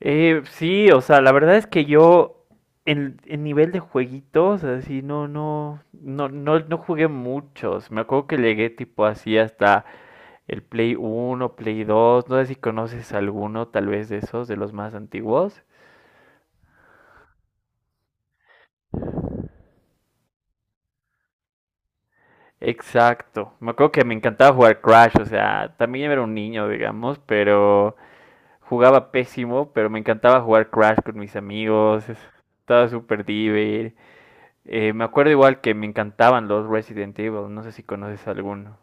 Sí, o sea, la verdad es que yo en nivel de jueguitos, así, no jugué muchos. Me acuerdo que llegué tipo así hasta el Play Uno, Play 2. No sé si conoces alguno tal vez de esos, de los más antiguos. Exacto, me acuerdo que me encantaba jugar Crash, o sea, también era un niño, digamos, pero jugaba pésimo, pero me encantaba jugar Crash con mis amigos, estaba súper divertido. Me acuerdo igual que me encantaban los Resident Evil, no sé si conoces alguno.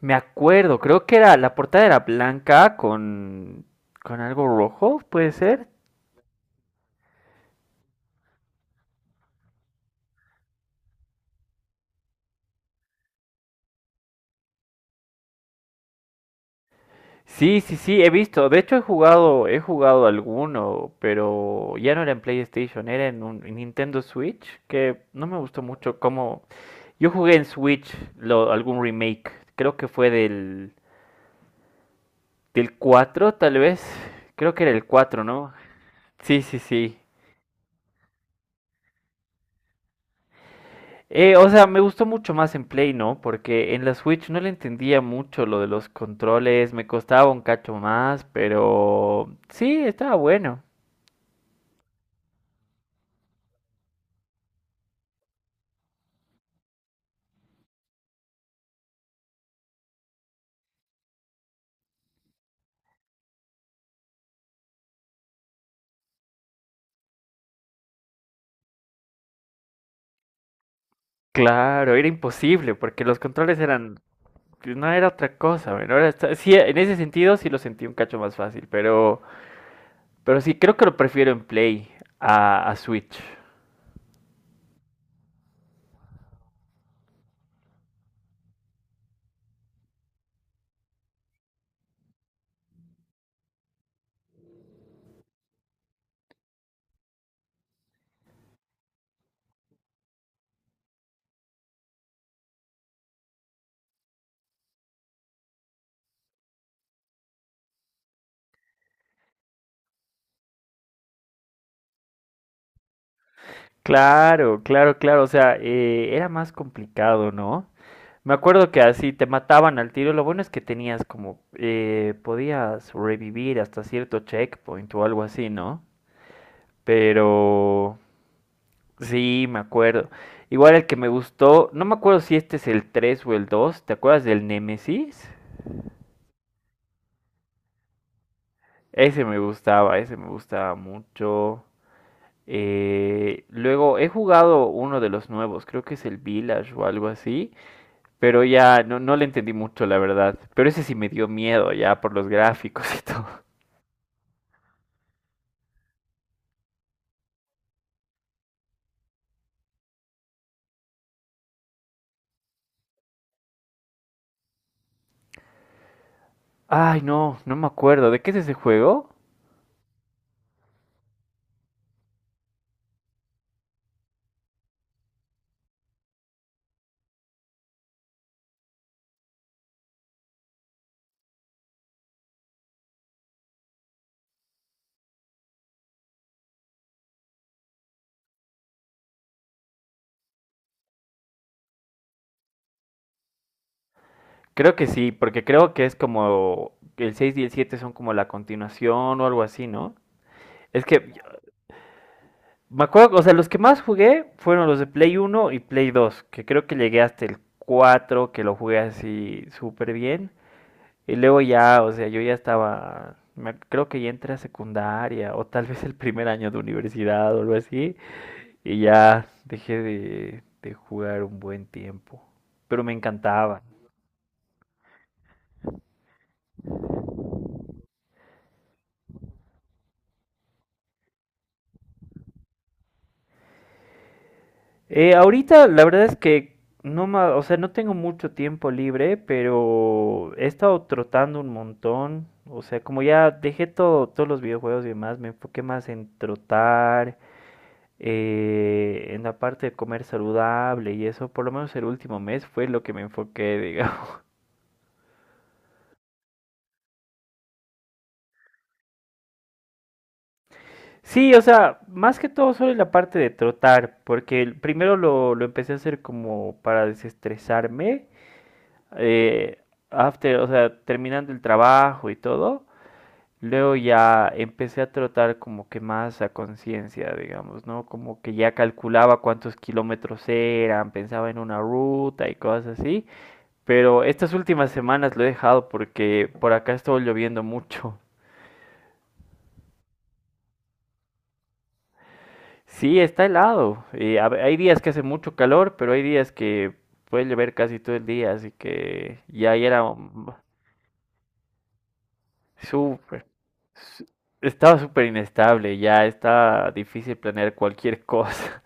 Me acuerdo, creo que era, la portada era blanca con algo rojo, puede ser. Sí, sí, sí, he visto. De hecho, he jugado alguno, pero ya no era en PlayStation, era en un en Nintendo Switch, que no me gustó mucho cómo... Yo jugué en Switch algún remake, creo que fue del 4, tal vez. Creo que era el cuatro, ¿no? Sí, sí, sí. O sea, me gustó mucho más en Play, ¿no? Porque en la Switch no le entendía mucho lo de los controles, me costaba un cacho más, pero sí, estaba bueno. Claro, era imposible, porque los controles eran, no era otra cosa, men, ahora sí, en ese sentido sí lo sentí un cacho más fácil, pero sí, creo que lo prefiero en Play a Switch. Claro, claro, claro, o sea, era más complicado, ¿no? Me acuerdo que así te mataban al tiro. Lo bueno es que tenías como, podías revivir hasta cierto checkpoint o algo así, ¿no? Pero sí, me acuerdo. Igual el que me gustó, no me acuerdo si este es el 3 o el 2. ¿Te acuerdas del Nemesis? Ese me gustaba mucho. Luego he jugado uno de los nuevos, creo que es el Village o algo así, pero ya no, no le entendí mucho, la verdad. Pero ese sí me dio miedo ya por los gráficos y todo. Ay, no, no me acuerdo. ¿De qué es ese juego? Creo que sí, porque creo que es como el 6 y el 7 son como la continuación o algo así, ¿no? Es que me acuerdo, o sea, los que más jugué fueron los de Play uno y Play 2, que creo que llegué hasta el 4, que lo jugué así súper bien. Y luego ya, o sea, yo ya estaba, creo que ya entré a secundaria o tal vez el primer año de universidad o algo así. Y ya dejé de jugar un buen tiempo. Pero me encantaba. Ahorita la verdad es que o sea, no tengo mucho tiempo libre, pero he estado trotando un montón. O sea, como ya dejé todos los videojuegos y demás, me enfoqué más en trotar, en la parte de comer saludable y eso, por lo menos el último mes fue lo que me enfoqué, digamos. Sí, o sea, más que todo solo en la parte de trotar, porque primero lo empecé a hacer como para desestresarme, eh, after, o sea, terminando el trabajo y todo. Luego ya empecé a trotar como que más a conciencia, digamos, ¿no? Como que ya calculaba cuántos kilómetros eran, pensaba en una ruta y cosas así. Pero estas últimas semanas lo he dejado porque por acá estuvo lloviendo mucho. Sí, está helado. Y a hay días que hace mucho calor, pero hay días que puede llover casi todo el día, así que ya era súper. su- Estaba súper inestable, ya está difícil planear cualquier cosa.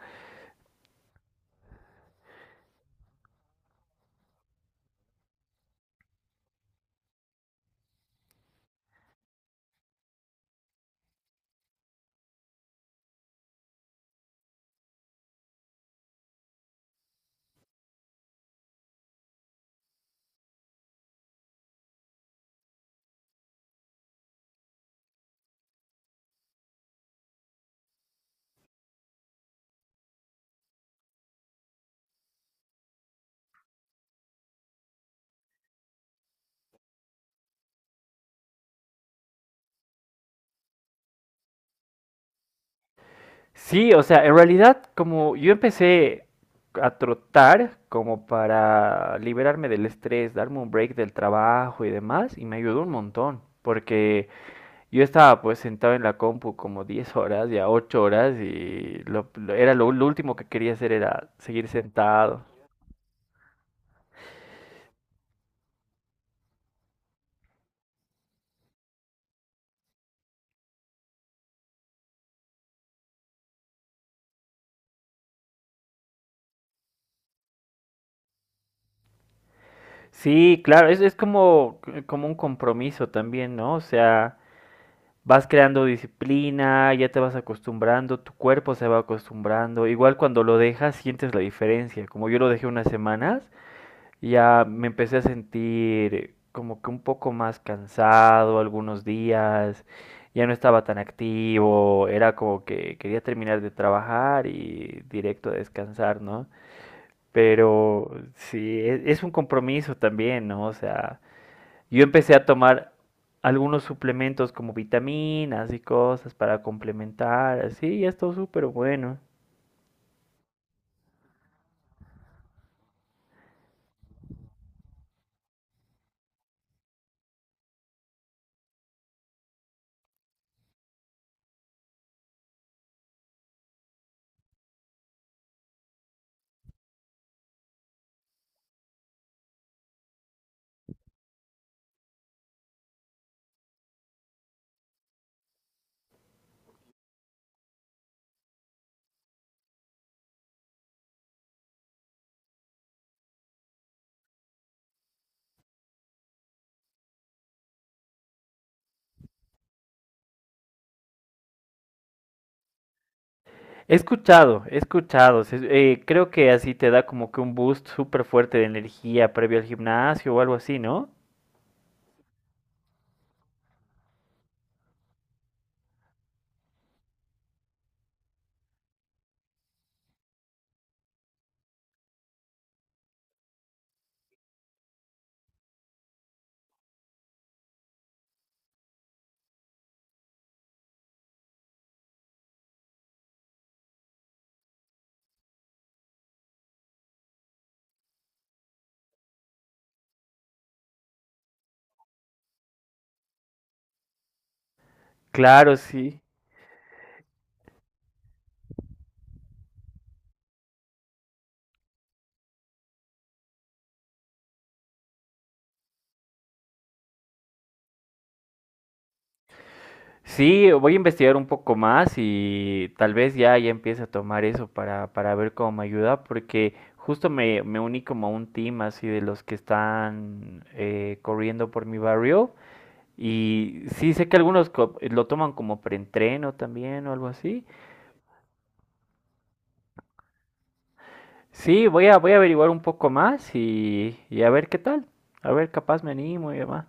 Sí, o sea, en realidad como yo empecé a trotar como para liberarme del estrés, darme un break del trabajo y demás, y me ayudó un montón, porque yo estaba pues sentado en la compu como 10 horas, ya 8 horas, y era lo último que quería hacer era seguir sentado. Sí, claro, es como, como un compromiso también, ¿no? O sea... Vas creando disciplina, ya te vas acostumbrando, tu cuerpo se va acostumbrando. Igual cuando lo dejas sientes la diferencia. Como yo lo dejé unas semanas, ya me empecé a sentir como que un poco más cansado algunos días, ya no estaba tan activo, era como que quería terminar de trabajar y directo a descansar, ¿no? Pero sí, es un compromiso también, ¿no? O sea, yo empecé a tomar algunos suplementos como vitaminas y cosas para complementar, así, y esto es súper bueno. He escuchado, creo que así te da como que un boost súper fuerte de energía previo al gimnasio o algo así, ¿no? Claro, sí. Sí, voy a investigar un poco más y tal vez ya empiece a tomar eso para ver cómo me ayuda, porque justo me uní como a un team así de los que están corriendo por mi barrio. Y sí, sé que algunos lo toman como preentreno también o algo así. Sí, voy a averiguar un poco más y a ver qué tal. A ver, capaz me animo y demás.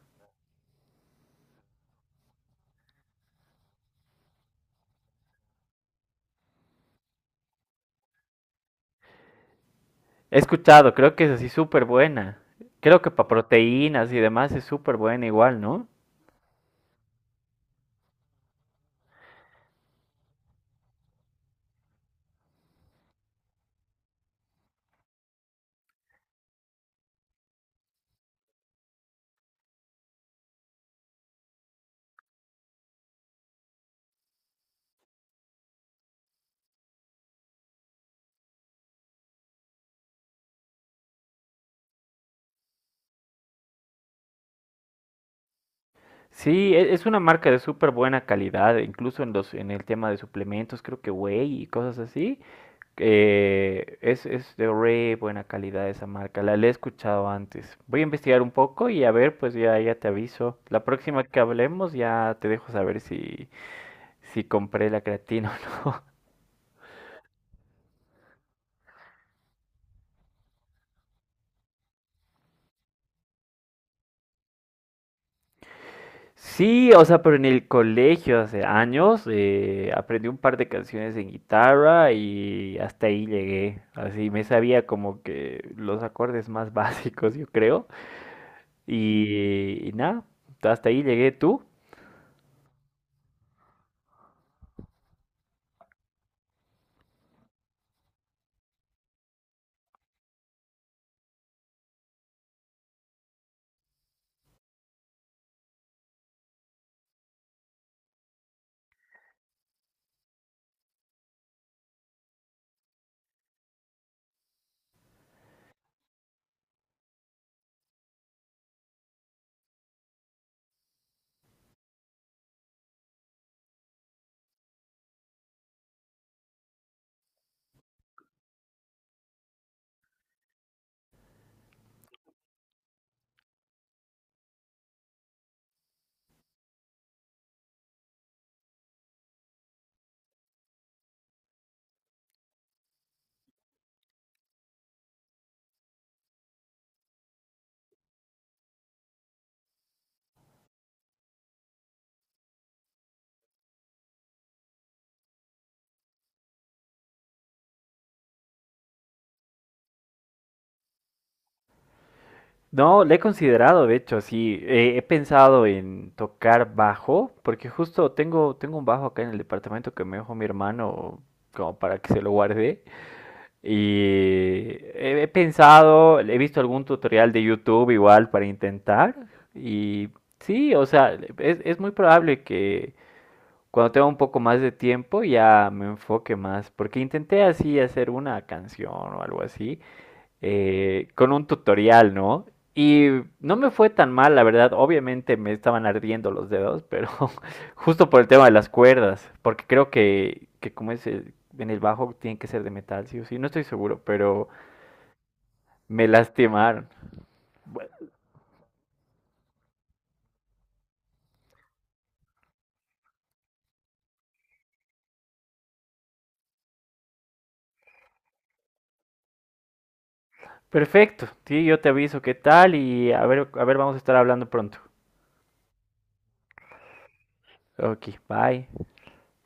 He escuchado, creo que es así súper buena. Creo que para proteínas y demás es súper buena igual, ¿no? Sí, es una marca de súper buena calidad, incluso en en el tema de suplementos, creo que whey y cosas así. Es de re buena calidad esa marca, la he escuchado antes. Voy a investigar un poco y a ver, pues ya te aviso. La próxima que hablemos ya te dejo saber si, si compré la creatina o no. Sí, o sea, pero en el colegio hace años aprendí un par de canciones en guitarra y hasta ahí llegué. Así me sabía como que los acordes más básicos, yo creo. Y nada, hasta ahí llegué tú. No, le he considerado, de hecho, sí. He pensado en tocar bajo, porque justo tengo un bajo acá en el departamento que me dejó mi hermano como para que se lo guarde. Y he pensado, he visto algún tutorial de YouTube igual para intentar. Y sí, o sea, es muy probable que cuando tenga un poco más de tiempo ya me enfoque más, porque intenté así hacer una canción o algo así con un tutorial, ¿no? Y no me fue tan mal, la verdad. Obviamente me estaban ardiendo los dedos, pero justo por el tema de las cuerdas, porque creo que como es en el bajo, tiene que ser de metal, sí o sí. No estoy seguro, pero me lastimaron. Bueno, perfecto, sí, yo te aviso qué tal y a ver, vamos a estar hablando pronto. Ok, bye.